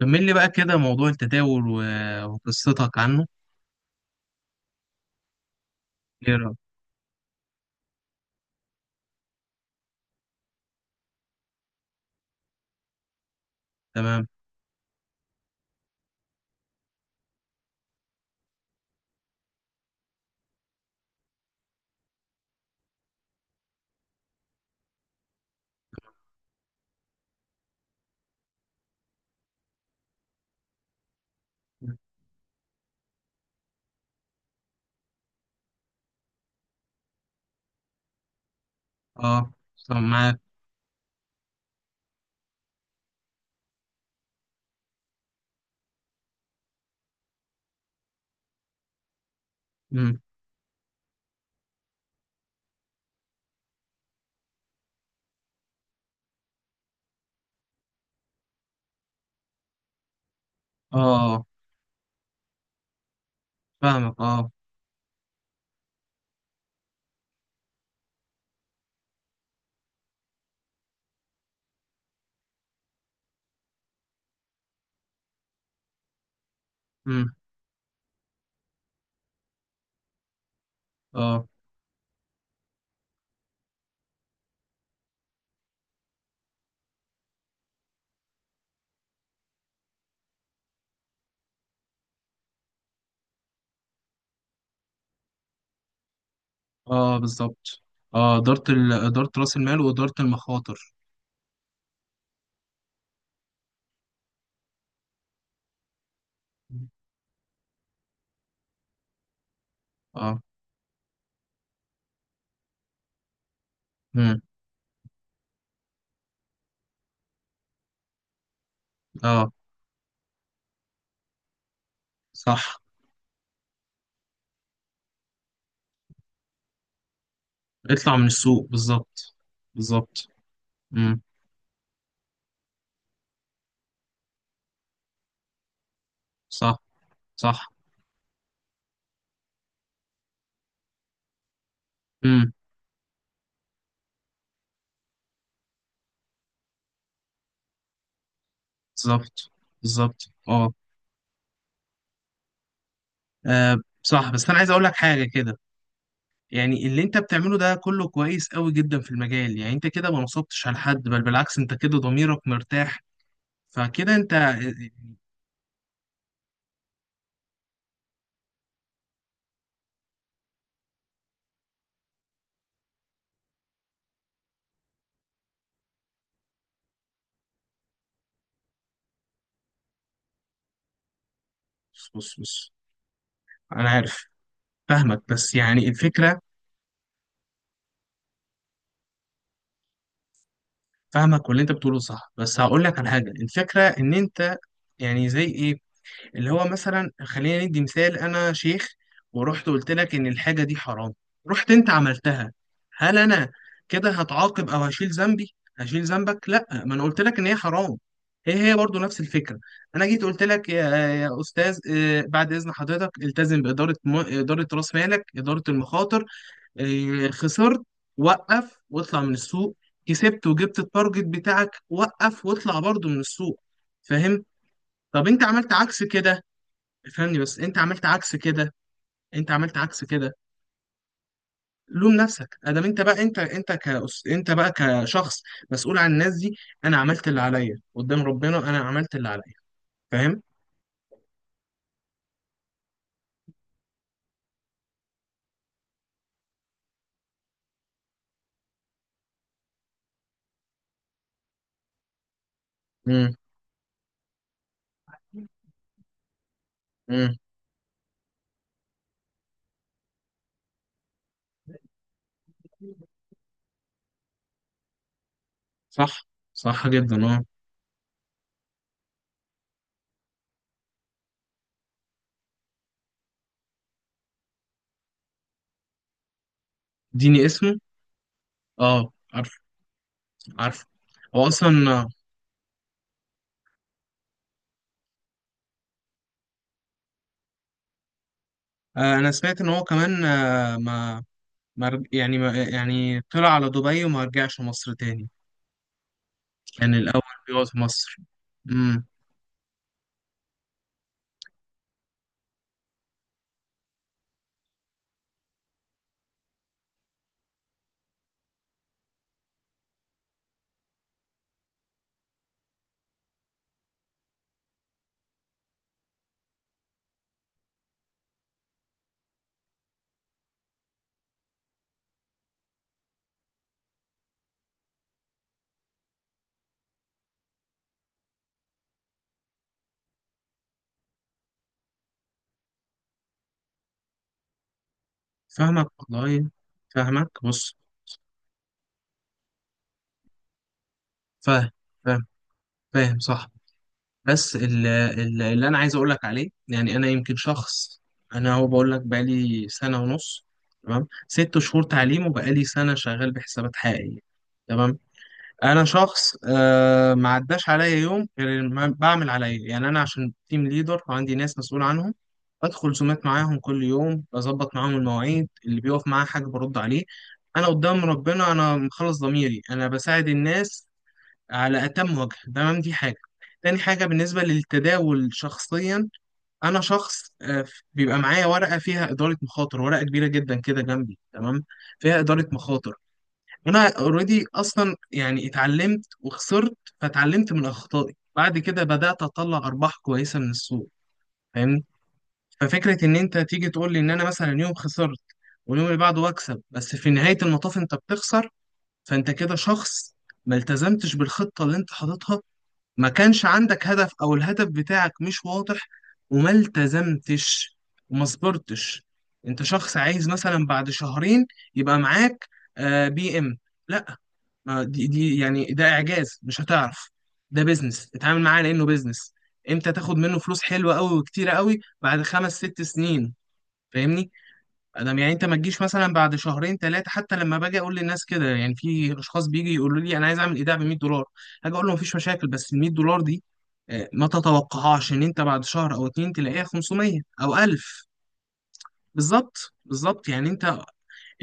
كمل لي بقى كده موضوع التداول و- وقصتك عنه. ايه رأيك؟ تمام. اه، طب معاك. مم. اه، فاهمك، اه. مم. اه اه بالظبط. اه، إدارة إدارة رأس المال وإدارة المخاطر. اه. مم. اه، صح، اطلع من السوق بالظبط بالظبط. مم. صح صح. مم. بالظبط بالظبط اه. آه، صح، بس أنا عايز أقول لك حاجة كده. يعني اللي انت بتعمله ده كله كويس قوي جدا في المجال، يعني انت كده ما نصبتش على حد، بل بالعكس انت كده ضميرك مرتاح. فكده انت. بص بص بص، انا عارف. فاهمك، بس يعني الفكرة. فاهمك، واللي انت بتقوله صح، بس هقول لك على حاجة. الفكرة ان انت يعني زي ايه، اللي هو مثلا خلينا ندي مثال: انا شيخ، ورحت قلت لك ان الحاجه دي حرام، رحت انت عملتها، هل انا كده هتعاقب؟ او هشيل ذنبي؟ هشيل ذنبك؟ لا، ما انا قلت لك ان هي حرام. هي هي برضو نفس الفكره. انا جيت قلت لك يا استاذ، بعد اذن حضرتك التزم اداره راس مالك، اداره المخاطر. خسرت، وقف واطلع من السوق. كسبت وجبت التارجت بتاعك، وقف واطلع برضو من السوق، فاهم؟ طب انت عملت عكس كده. فني بس انت عملت عكس كده، انت عملت عكس كده. لوم نفسك ادام انت بقى، انت بقى كشخص مسؤول عن الناس دي. انا عملت اللي عليا قدام ربنا، انا عملت اللي عليا، فاهم؟ امم امم. صح، صح جدا، اه. اديني اسمه. اه، عارف. عارف. هو اصلا، انا سمعت ان هو كمان، ما رج- يعني ما، يعني طلع على دبي وما رجعش مصر تاني. كان الاول بيقعد في مصر. امم. فاهمك والله، فاهمك، بص. فاهم فاهم فاهم، صح. بس اللي انا عايز اقول لك عليه، يعني انا يمكن شخص، انا هو بقول لك بقالي سنه ونص، تمام؟ ست شهور تعليم وبقالي سنه شغال بحسابات حقيقيه، تمام؟ انا شخص آه ما عداش عليا يوم غير ما بعمل عليا، يعني انا عشان تيم ليدر وعندي ناس مسؤول عنهم. بدخل زومات معاهم كل يوم، بظبط معاهم المواعيد، اللي بيقف معاه حاجه برد عليه. انا قدام ربنا انا مخلص ضميري، انا بساعد الناس على أتم وجه، تمام؟ دي حاجة. تاني حاجة، بالنسبة للتداول شخصيا، أنا شخص، بيبقى معايا ورقة فيها إدارة مخاطر، ورقة كبيرة جدا كده جنبي، تمام؟ فيها إدارة مخاطر. أنا أوريدي أصلا يعني اتعلمت وخسرت، فاتعلمت من أخطائي، بعد كده بدأت أطلع أرباح كويسة من السوق، فاهمني؟ ففكرة إن أنت تيجي تقول لي إن أنا مثلا يوم خسرت واليوم اللي بعده أكسب، بس في نهاية المطاف أنت بتخسر. فأنت كده شخص ما التزمتش بالخطة اللي أنت حاططها، ما كانش عندك هدف او الهدف بتاعك مش واضح، وما التزمتش وما صبرتش. انت شخص عايز مثلا بعد شهرين يبقى معاك آه بي ام، لا. ما دي, دي يعني ده اعجاز، مش هتعرف. ده بيزنس، اتعامل معاه لانه بيزنس. امتى تاخد منه فلوس حلوه قوي وكتيره قوي؟ بعد خمس ست سنين، فاهمني؟ انا يعني انت ما تجيش مثلا بعد شهرين ثلاثه. حتى لما باجي اقول للناس كده، يعني في اشخاص بيجي يقولوا لي انا عايز اعمل ايداع ب 100 دولار. هاجي اقول له مفيش مشاكل، بس ال 100 دولار دي آه، ما تتوقعهاش ان انت بعد شهر او اتنين تلاقيها 500 او 1000. بالظبط بالظبط، يعني انت،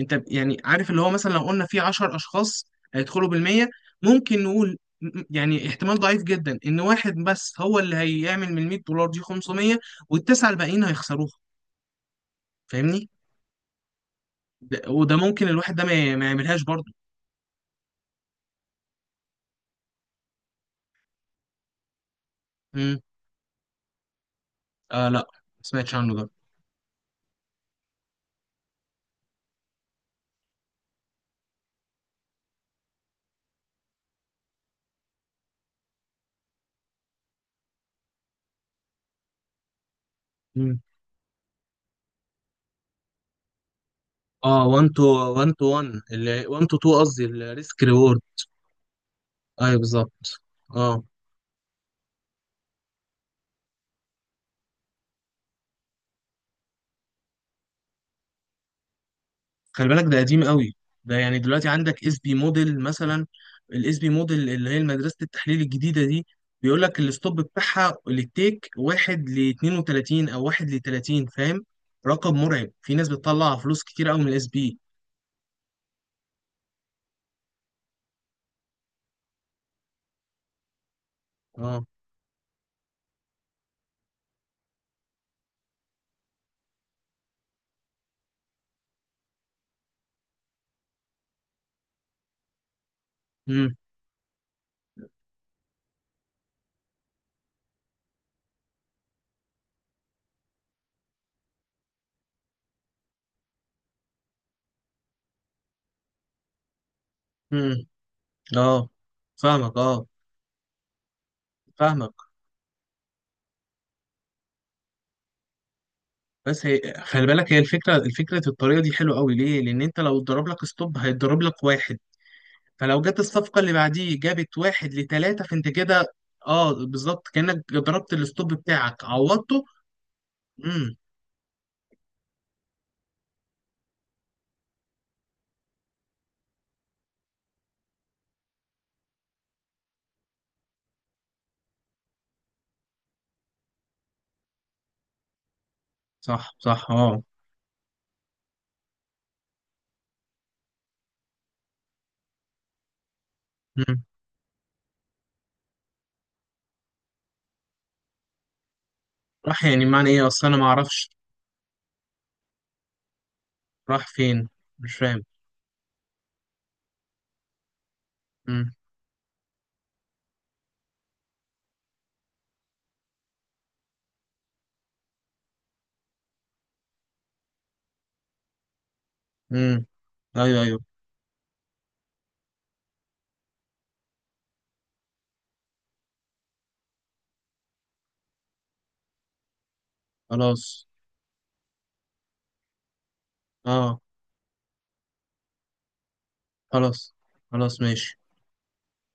انت يعني عارف اللي هو مثلا لو قلنا في 10 اشخاص هيدخلوا بال 100، ممكن نقول يعني احتمال ضعيف جدا ان واحد بس هو اللي هيعمل من 100 دولار دي 500، والتسعه الباقيين هيخسروها، فاهمني؟ ده- وده ممكن الواحد ده ما يعملهاش. امم. آه لا، ما سمعتش عنه ده. امم، اه، 1 تو 1 تو 1، اللي 1 تو 2 قصدي، الريسك ريورد. ايوه بالظبط، اه. خلي بالك ده قديم قوي. ده يعني دلوقتي عندك اس بي موديل مثلا، الاس بي موديل اللي هي مدرسة التحليل الجديدة دي، بيقول لك الستوب بتاعها للتيك 1 ل 32 او 1 ل 30، فاهم؟ رقم مرعب، في ناس بتطلع فلوس كتير قوي من الاس بي. اه. امم امم. اه، فاهمك، اه، فاهمك. بس هي خلي بالك، هي الفكره الطريقه دي حلوه قوي ليه؟ لان انت لو اتضرب لك ستوب هيتضرب لك واحد، فلو جت الصفقه اللي بعديه جابت واحد لثلاثه فانت كده. اه بالظبط، كانك ضربت الستوب بتاعك عوضته. امم. صح صح اه. امم. راح يعني معنى ايه؟ اصل انا ما اعرفش راح فين، مش فاهم. امم امم. ايوه ايوه. خلاص، اه. خلاص خلاص ماشي.